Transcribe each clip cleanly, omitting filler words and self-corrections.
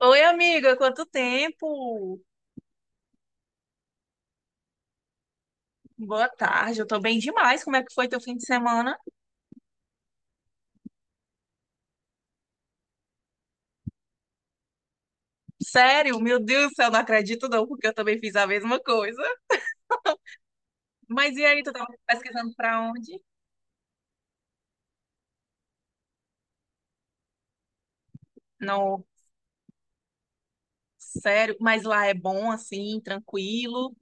Oi, amiga, quanto tempo? Boa tarde, eu tô bem demais. Como é que foi teu fim de semana? Sério, meu Deus do céu, não acredito não, porque eu também fiz a mesma coisa. Mas e aí, tu tava pesquisando pra onde? Não, sério, mas lá é bom assim, tranquilo?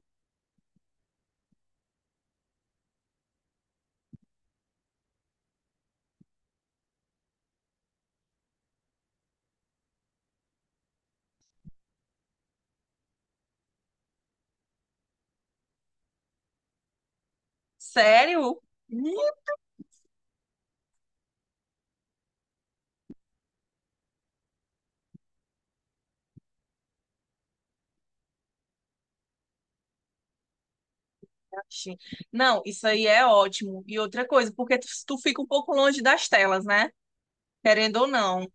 Sério? Ixi. Não, isso aí é ótimo. E outra coisa, porque tu fica um pouco longe das telas, né? Querendo ou não.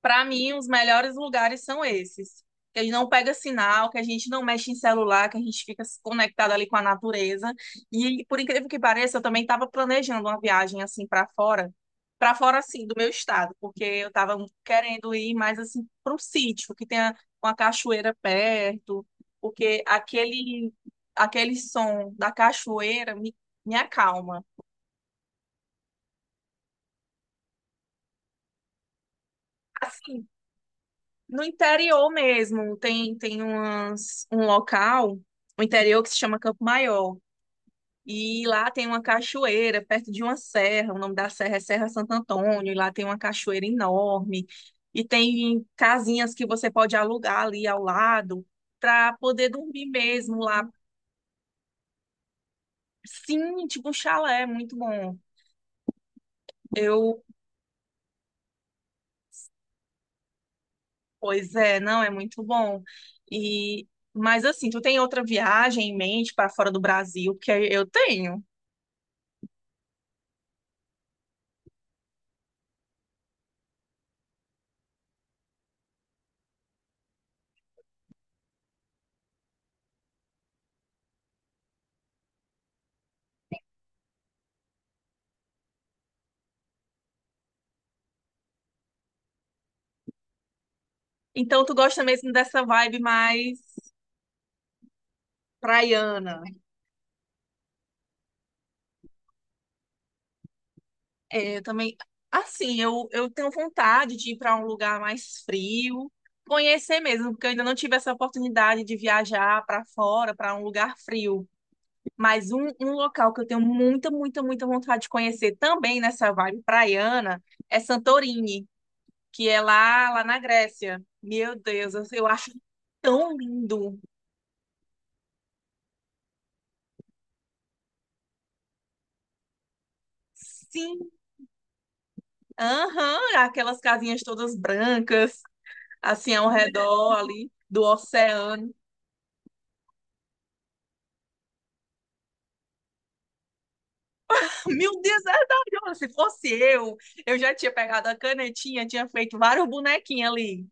Para mim, os melhores lugares são esses. Que a gente não pega sinal, que a gente não mexe em celular, que a gente fica conectado ali com a natureza. E por incrível que pareça, eu também estava planejando uma viagem assim para fora assim do meu estado, porque eu estava querendo ir mais assim para um sítio que tenha uma cachoeira perto, porque aquele som da cachoeira me acalma. Assim, no interior mesmo, tem um local, o interior que se chama Campo Maior. E lá tem uma cachoeira, perto de uma serra. O nome da serra é Serra Santo Antônio. E lá tem uma cachoeira enorme. E tem casinhas que você pode alugar ali ao lado para poder dormir mesmo lá. Sim, tipo um chalé, muito bom. Eu pois é, não, é muito bom. E mas assim, tu tem outra viagem em mente para fora do Brasil? Porque eu tenho. Então tu gosta mesmo dessa vibe mais praiana? É, eu também. Assim, eu tenho vontade de ir para um lugar mais frio, conhecer mesmo, porque eu ainda não tive essa oportunidade de viajar para fora, para um lugar frio. Mas um local que eu tenho muita vontade de conhecer também nessa vibe praiana é Santorini, que é lá na Grécia. Meu Deus, eu acho tão lindo. Sim, aham, aquelas casinhas todas brancas, assim ao redor ali do oceano. Meu Deus, é verdade. Olha, se fosse eu já tinha pegado a canetinha, tinha feito vários bonequinhos ali.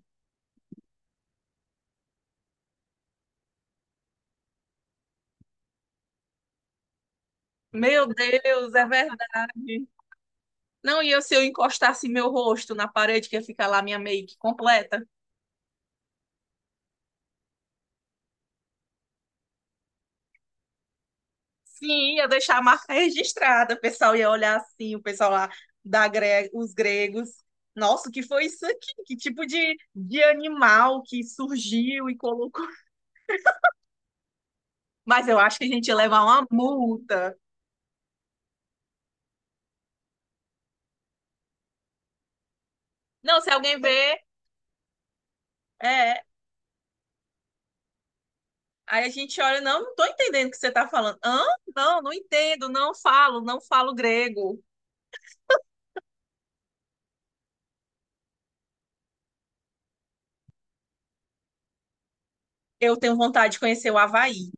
Meu Deus, é verdade. Não, e eu, se eu encostasse meu rosto na parede, que ia ficar lá minha make completa? Sim, ia deixar a marca registrada. O pessoal ia olhar assim, o pessoal lá, da gre... os gregos. Nossa, o que foi isso aqui? Que tipo de animal que surgiu e colocou? Mas eu acho que a gente ia levar uma multa. Não, se alguém vê. É, aí a gente olha, não, não estou entendendo o que você está falando. Hã? Não, não entendo, não falo grego. Eu tenho vontade de conhecer o Havaí,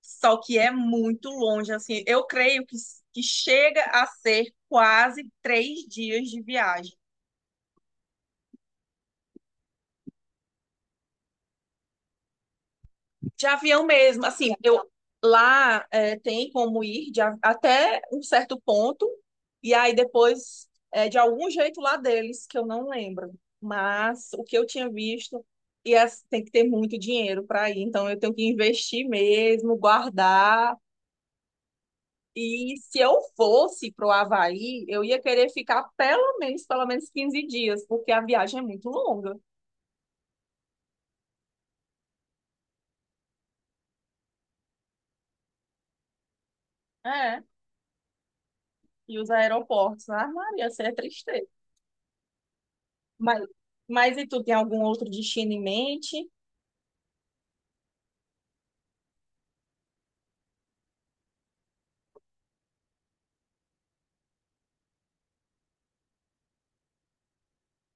só que é muito longe, assim. Eu creio que chega a ser quase três dias de viagem. De avião mesmo, assim, eu lá é, tem como ir de a- até um certo ponto, e aí depois é de algum jeito lá deles, que eu não lembro. Mas o que eu tinha visto, e as- tem que ter muito dinheiro para ir, então eu tenho que investir mesmo, guardar. E se eu fosse para o Havaí, eu ia querer ficar pelo menos 15 dias, porque a viagem é muito longa. É, e os aeroportos, ah, Maria, isso é tristeza. Mas, mas e tu tem algum outro destino em mente?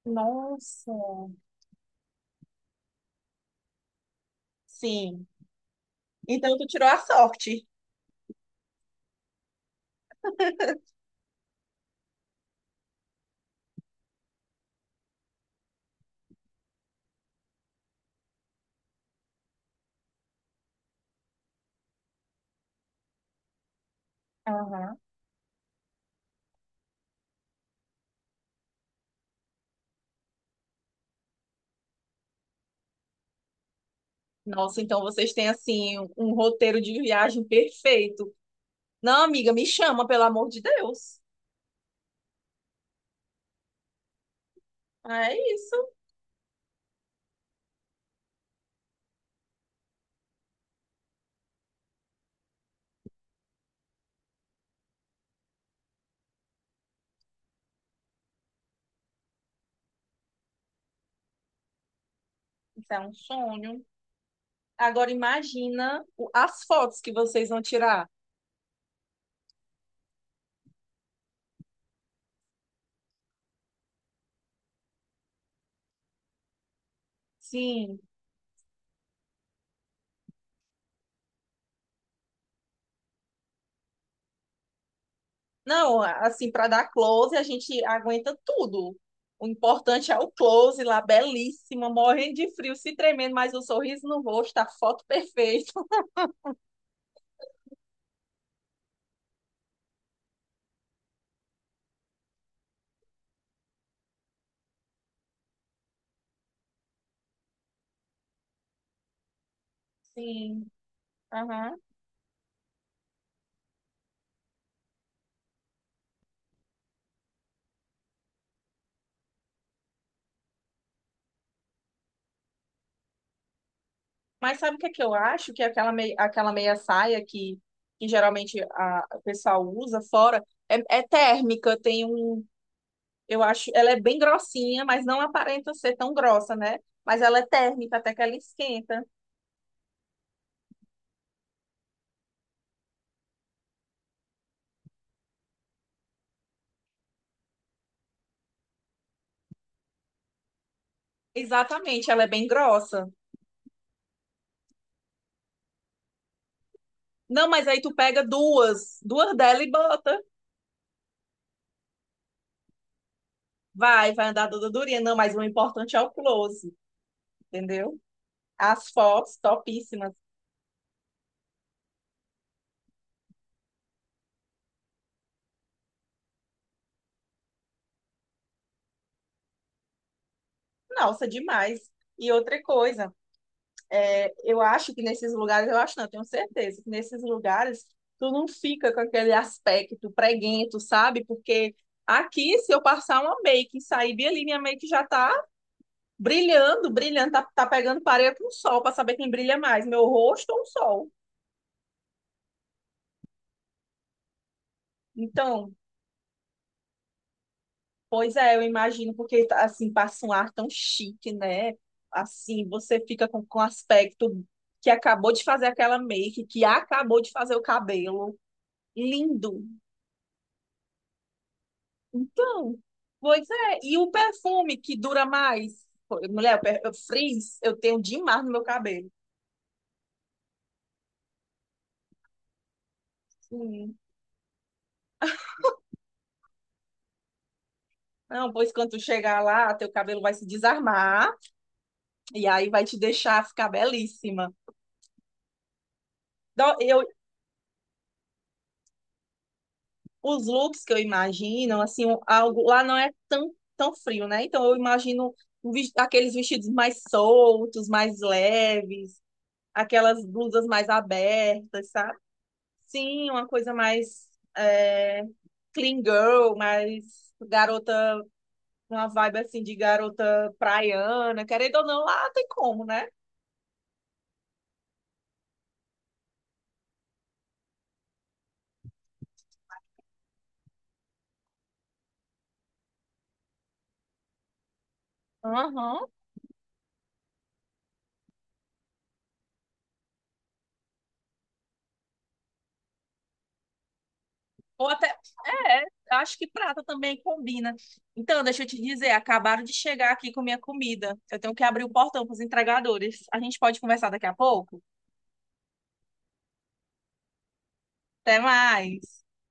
Nossa. Sim. Então tu tirou a sorte. Aham. Nossa, então vocês têm assim um roteiro de viagem perfeito. Não, amiga, me chama, pelo amor de Deus. Ah, é isso. Isso é um sonho. Agora imagina o- as fotos que vocês vão tirar. Sim, não, assim, para dar close, a gente aguenta tudo. O importante é o close lá, belíssima, morrendo de frio, se tremendo, mas o sorriso no rosto, a foto perfeita. Sim, aham. Mas sabe o que é que eu acho? Que é aquela, mei- aquela meia saia que geralmente o pessoal usa fora é, é térmica, tem um. Eu acho, ela é bem grossinha, mas não aparenta ser tão grossa, né? Mas ela é térmica, até que ela esquenta. Exatamente, ela é bem grossa. Não, mas aí tu pega duas dela e bota. Vai, vai andar toda durinha. Não, mas o importante é o close, entendeu? As fotos topíssimas. Nossa, demais. E outra coisa, é, eu acho que nesses lugares, eu acho não, eu tenho certeza, que nesses lugares tu não fica com aquele aspecto preguento, sabe? Porque aqui, se eu passar uma make e sair bem ali, minha make já tá brilhando, tá pegando parede com o sol, para saber quem brilha mais, meu rosto ou o sol. Então, pois é, eu imagino, porque assim, passa um ar tão chique, né? Assim, você fica com aspecto que acabou de fazer aquela make, que acabou de fazer o cabelo. Lindo. Então, pois é. E o perfume que dura mais? Pô, mulher, o per- o frizz, eu tenho demais no meu cabelo. Sim. Não, pois quando tu chegar lá, teu cabelo vai se desarmar e aí vai te deixar ficar belíssima. Dó- eu, os looks que eu imagino, assim, um- algo lá não é tão frio, né? Então eu imagino um ves- aqueles vestidos mais soltos, mais leves, aquelas blusas mais abertas, sabe? Sim, uma coisa mais é, clean girl, mais garota, uma vibe assim de garota praiana, querendo ou não, lá tem como, né? Aham. Ou até. É, acho que prata também combina. Então, deixa eu te dizer, acabaram de chegar aqui com minha comida. Eu tenho que abrir o portão para os entregadores. A gente pode conversar daqui a pouco? Até mais.